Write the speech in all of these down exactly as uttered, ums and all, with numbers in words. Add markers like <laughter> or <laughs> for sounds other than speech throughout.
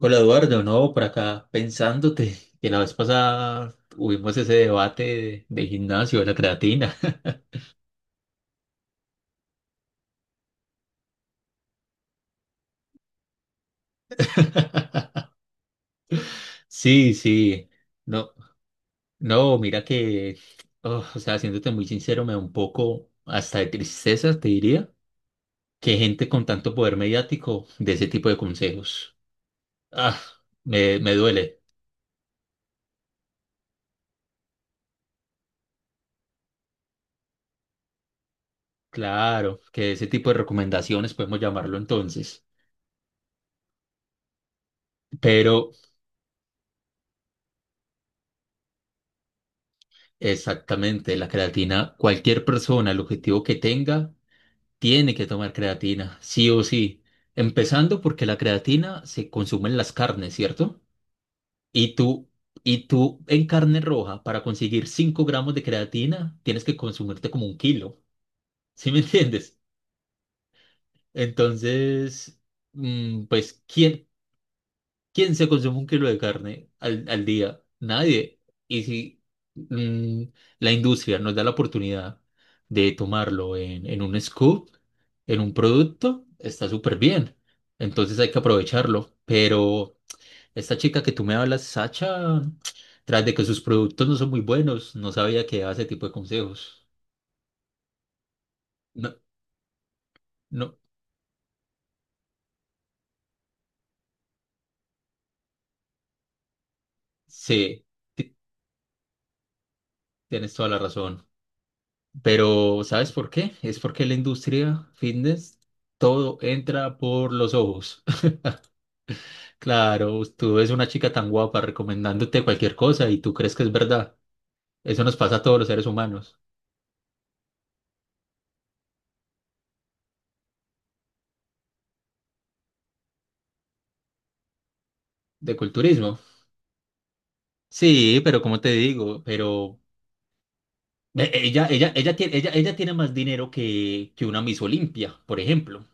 Hola Eduardo, no, por acá pensándote <laughs> que la vez pasada tuvimos ese debate de, de gimnasio, de la creatina. <laughs> Sí, sí, no, no, mira que, oh, o sea, siéndote muy sincero, me da un poco hasta de tristeza, te diría, que gente con tanto poder mediático de ese tipo de consejos. Ah, me, me duele. Claro, que ese tipo de recomendaciones podemos llamarlo entonces. Pero exactamente, la creatina, cualquier persona, el objetivo que tenga, tiene que tomar creatina, sí o sí. Empezando porque la creatina se consume en las carnes, ¿cierto? Y tú, y tú en carne roja, para conseguir cinco gramos de creatina, tienes que consumirte como un kilo. ¿Sí me <laughs> entiendes? Entonces, mm, pues, ¿quién, ¿quién se consume un kilo de carne al, al día? Nadie. Y si mm, la industria nos da la oportunidad de tomarlo en, en un scoop, en un producto, está súper bien. Entonces hay que aprovecharlo. Pero esta chica que tú me hablas, Sacha, tras de que sus productos no son muy buenos, no sabía que daba ese tipo de consejos. No, no, sí, ti- tienes toda la razón. Pero ¿sabes por qué? Es porque la industria fitness, todo entra por los ojos. <laughs> Claro, tú ves una chica tan guapa recomendándote cualquier cosa y tú crees que es verdad. Eso nos pasa a todos los seres humanos. De culturismo. Sí, pero como te digo, pero e- ella, ella, ella tiene, ella, ella tiene más dinero que, que una Miss Olimpia, por ejemplo.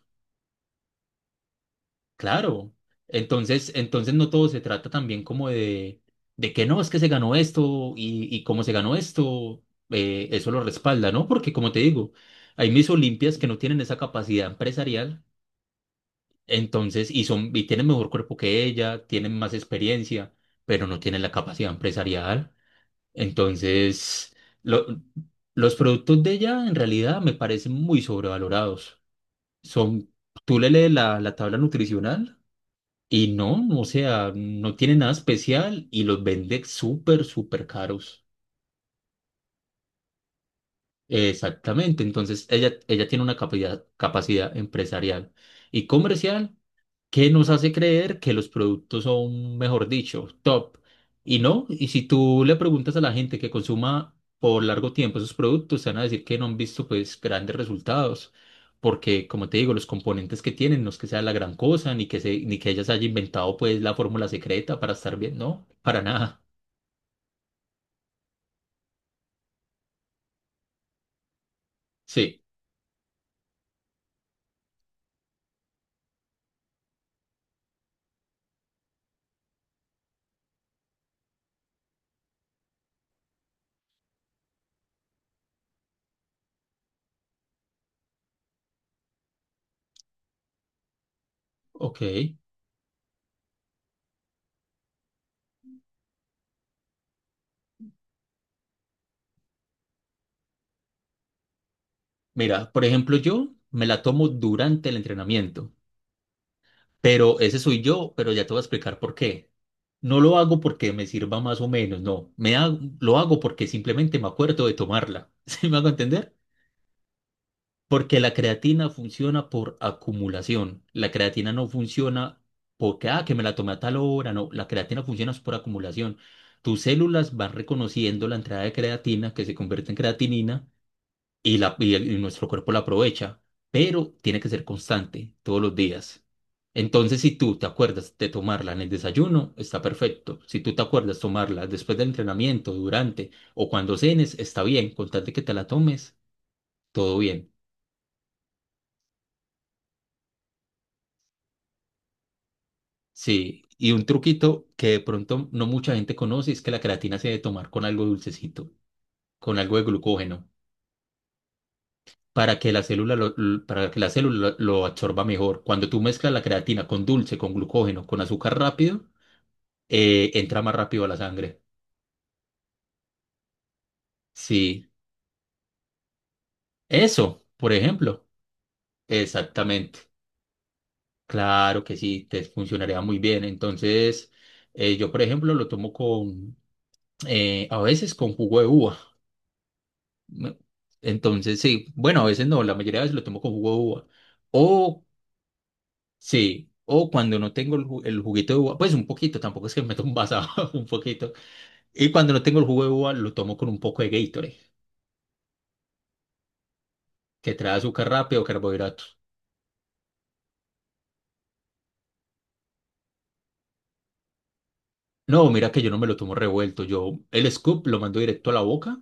Claro, entonces, entonces no todo se trata también como de, de que no, es que se ganó esto y, y cómo se ganó esto, eh, eso lo respalda, ¿no? Porque como te digo, hay mis Olimpias que no tienen esa capacidad empresarial, entonces, y son, y tienen mejor cuerpo que ella, tienen más experiencia, pero no tienen la capacidad empresarial. Entonces, lo- los productos de ella en realidad me parecen muy sobrevalorados. Son, tú le lees la la tabla nutricional. Y no, o sea, no tiene nada especial y los vende súper, súper caros. Exactamente, entonces ella, ella tiene una capacidad, capacidad empresarial y comercial que nos hace creer que los productos son, mejor dicho, top. Y no, y si tú le preguntas a la gente que consuma por largo tiempo esos productos, te van a decir que no han visto pues grandes resultados, porque como te digo, los componentes que tienen no es que sea la gran cosa, ni que se, ni que ellas haya inventado pues la fórmula secreta para estar bien, no, para nada. Sí, ok. Mira, por ejemplo, yo me la tomo durante el entrenamiento. Pero ese soy yo, pero ya te voy a explicar por qué. No lo hago porque me sirva más o menos, no. Me ha- lo hago porque simplemente me acuerdo de tomarla. <laughs> ¿Sí me hago entender? Porque la creatina funciona por acumulación. La creatina no funciona porque, ah, que me la tomé a tal hora. No, la creatina funciona es por acumulación. Tus células van reconociendo la entrada de creatina que se convierte en creatinina y, la, y el- y nuestro cuerpo la aprovecha, pero tiene que ser constante todos los días. Entonces, si tú te acuerdas de tomarla en el desayuno, está perfecto. Si tú te acuerdas tomarla después del entrenamiento, durante o cuando cenes, está bien. Con tal de que te la tomes, todo bien. Sí, y un truquito que de pronto no mucha gente conoce es que la creatina se debe tomar con algo dulcecito, con algo de glucógeno, para que la célula lo, l- para que la célula lo absorba mejor. Cuando tú mezclas la creatina con dulce, con glucógeno, con azúcar rápido, eh, entra más rápido a la sangre. Sí, eso, por ejemplo. Exactamente. Claro que sí, te funcionaría muy bien. Entonces, eh, yo, por ejemplo, lo tomo con, eh, a veces con jugo de uva. Me- Entonces, sí, bueno, a veces no, la mayoría de veces lo tomo con jugo de uva. O, sí, o cuando no tengo el, ju- el juguito de uva, pues un poquito, tampoco es que me <laughs> tomo un vaso, <laughs> un poquito. Y cuando no tengo el jugo de uva, lo tomo con un poco de Gatorade, que trae azúcar rápido o carbohidratos. No, mira que yo no me lo tomo revuelto. Yo el scoop lo mando directo a la boca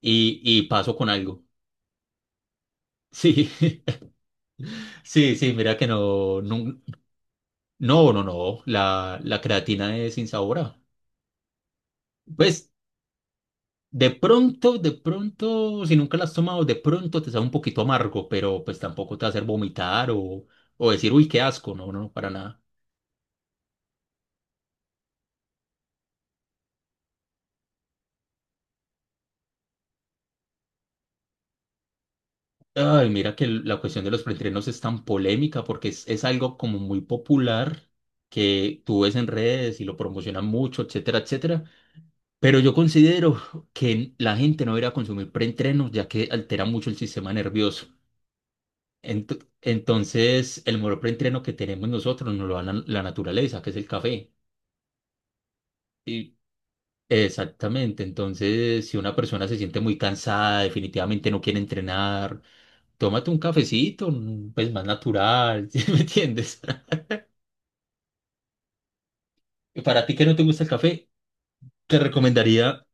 y, y paso con algo. Sí, <laughs> sí, sí, mira que no, nun- no, no, no, la, la creatina es insabora. Pues de pronto, de pronto, si nunca la has tomado, de pronto te sabe un poquito amargo, pero pues tampoco te va a hacer vomitar o, o decir, uy, qué asco, no, no, no, para nada. Ay, mira que la cuestión de los preentrenos es tan polémica porque es, es algo como muy popular que tú ves en redes y lo promocionan mucho, etcétera, etcétera. Pero yo considero que la gente no debería consumir preentrenos ya que altera mucho el sistema nervioso. Ent- entonces, el mejor preentreno que tenemos nosotros nos lo da la, la naturaleza, que es el café. Y exactamente. Entonces, si una persona se siente muy cansada, definitivamente no quiere entrenar. Tómate un cafecito, un- pues más natural, <laughs> ¿sí me entiendes? <laughs> Para ti que no te gusta el café, te recomendaría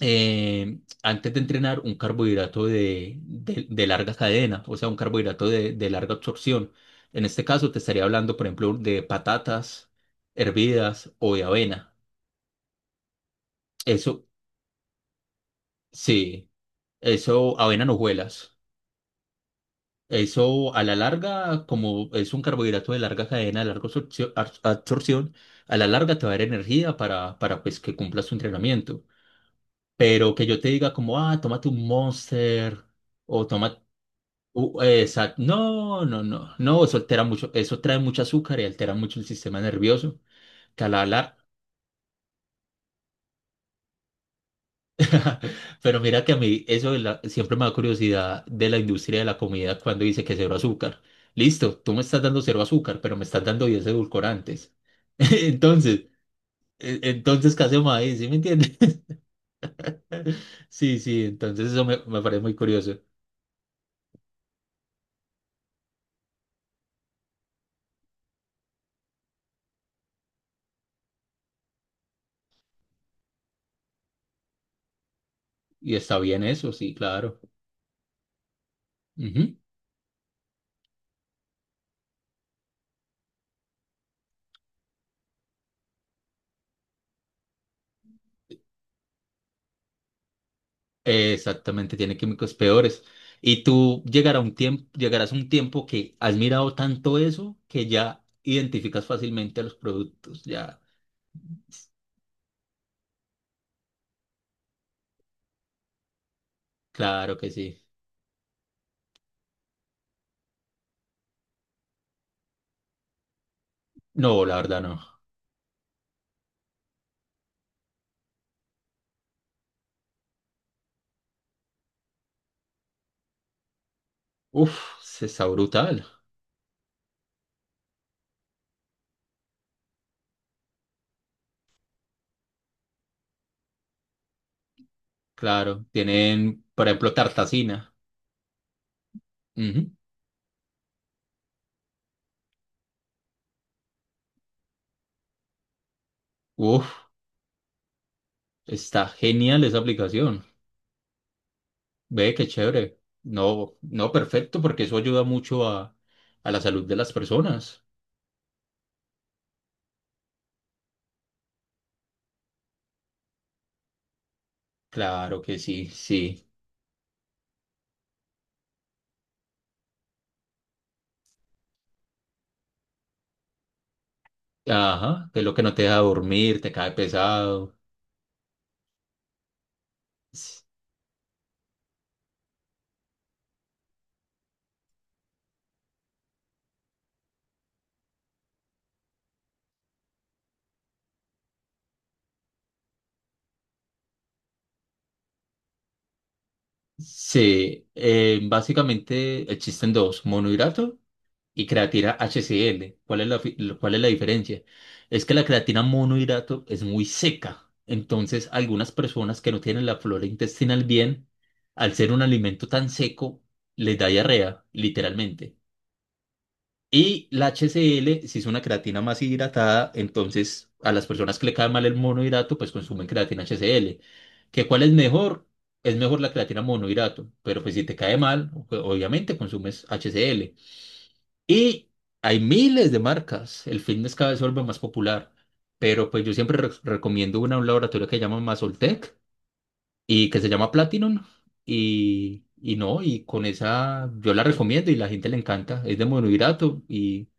eh, antes de entrenar un carbohidrato de, de- de larga cadena, o sea, un carbohidrato de, de larga absorción. En este caso te estaría hablando, por ejemplo, de patatas hervidas o de avena. Eso, sí, eso, avena en hojuelas. Eso a la larga, como es un carbohidrato de larga cadena, de larga absorcio- ar- absorción, a la larga te va a dar energía para, para pues, que cumplas tu entrenamiento. Pero que yo te diga como, ah, tómate un Monster o toma... u- esa- No, no, no, no, eso altera mucho, eso trae mucho azúcar y altera mucho el sistema nervioso, que a la, lar- <laughs> Pero mira que a mí eso de la- siempre me da curiosidad de la industria de la comida cuando dice que cero azúcar. Listo, tú me estás dando cero azúcar, pero me estás dando diez edulcorantes. <laughs> Entonces, eh, entonces, ¿qué hacemos ahí? ¿Sí me entiendes? <laughs> Sí, sí, entonces eso me, me parece muy curioso. Y está bien eso, sí, claro. Ujú. Exactamente, tiene químicos peores. Y tú llegará un tiempo, llegarás a un tiempo que has mirado tanto eso que ya identificas fácilmente los productos, ya. Claro que sí. No, la verdad no. Uf, se está brutal. Claro, tienen, por ejemplo, Tartacina. Ujú. Uf, está genial esa aplicación. Ve, qué chévere. No, no, perfecto, porque eso ayuda mucho a, a la salud de las personas. Claro que sí, sí. Ajá, que es lo que no te deja dormir, te cae pesado. S- Sí, eh, básicamente existen dos, monohidrato y creatina H C L. ¿Cuál es la, fi- lo- cuál es la diferencia? Es que la creatina monohidrato es muy seca. Entonces, algunas personas que no tienen la flora intestinal bien, al ser un alimento tan seco, les da diarrea, literalmente. Y la HCl, si es una creatina más hidratada, entonces a las personas que le cae mal el monohidrato, pues consumen creatina H C L. ¿Que cuál es mejor? Es mejor la creatina monohidrato, pero pues si te cae mal, o- obviamente consumes H C L. Y hay miles de marcas. El fitness cada vez se vuelve más popular. Pero pues yo siempre re- recomiendo una, un laboratorio que se llama Masoltec y que se llama Platinum. Y, y no, y con esa yo la recomiendo y la gente le encanta. Es de monohidrato y,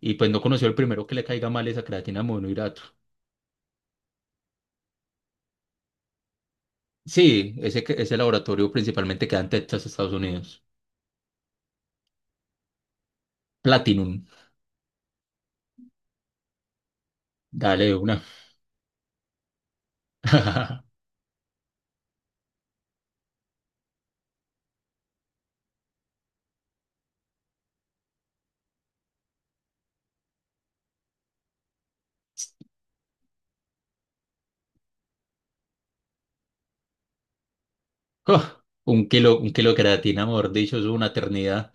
y pues no conoció el primero que le caiga mal esa creatina de monohidrato. Sí, ese, que- ese laboratorio principalmente queda en Texas, Estados Unidos. Platinum. Dale de una. <laughs> ¡Oh! un kilo, un kilo de creatina, mejor dicho, es una eternidad.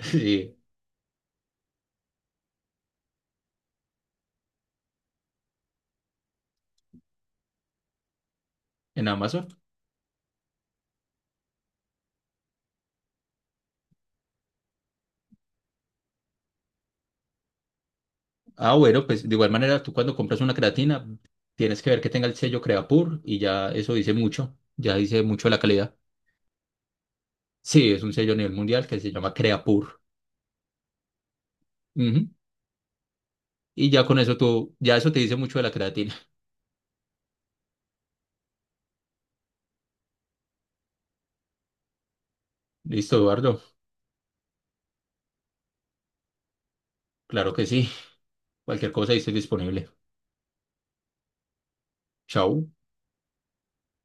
<laughs> Sí, en Amazon. Ah, bueno, pues de igual manera, tú cuando compras una creatina, tienes que ver que tenga el sello Creapure y ya eso dice mucho, ya dice mucho de la calidad. Sí, es un sello a nivel mundial que se llama Creapure. Ujú. Y ya con eso tú, ya eso te dice mucho de la creatina. <laughs> Listo, Eduardo. Claro que sí. Cualquier cosa ahí estoy disponible. Chao.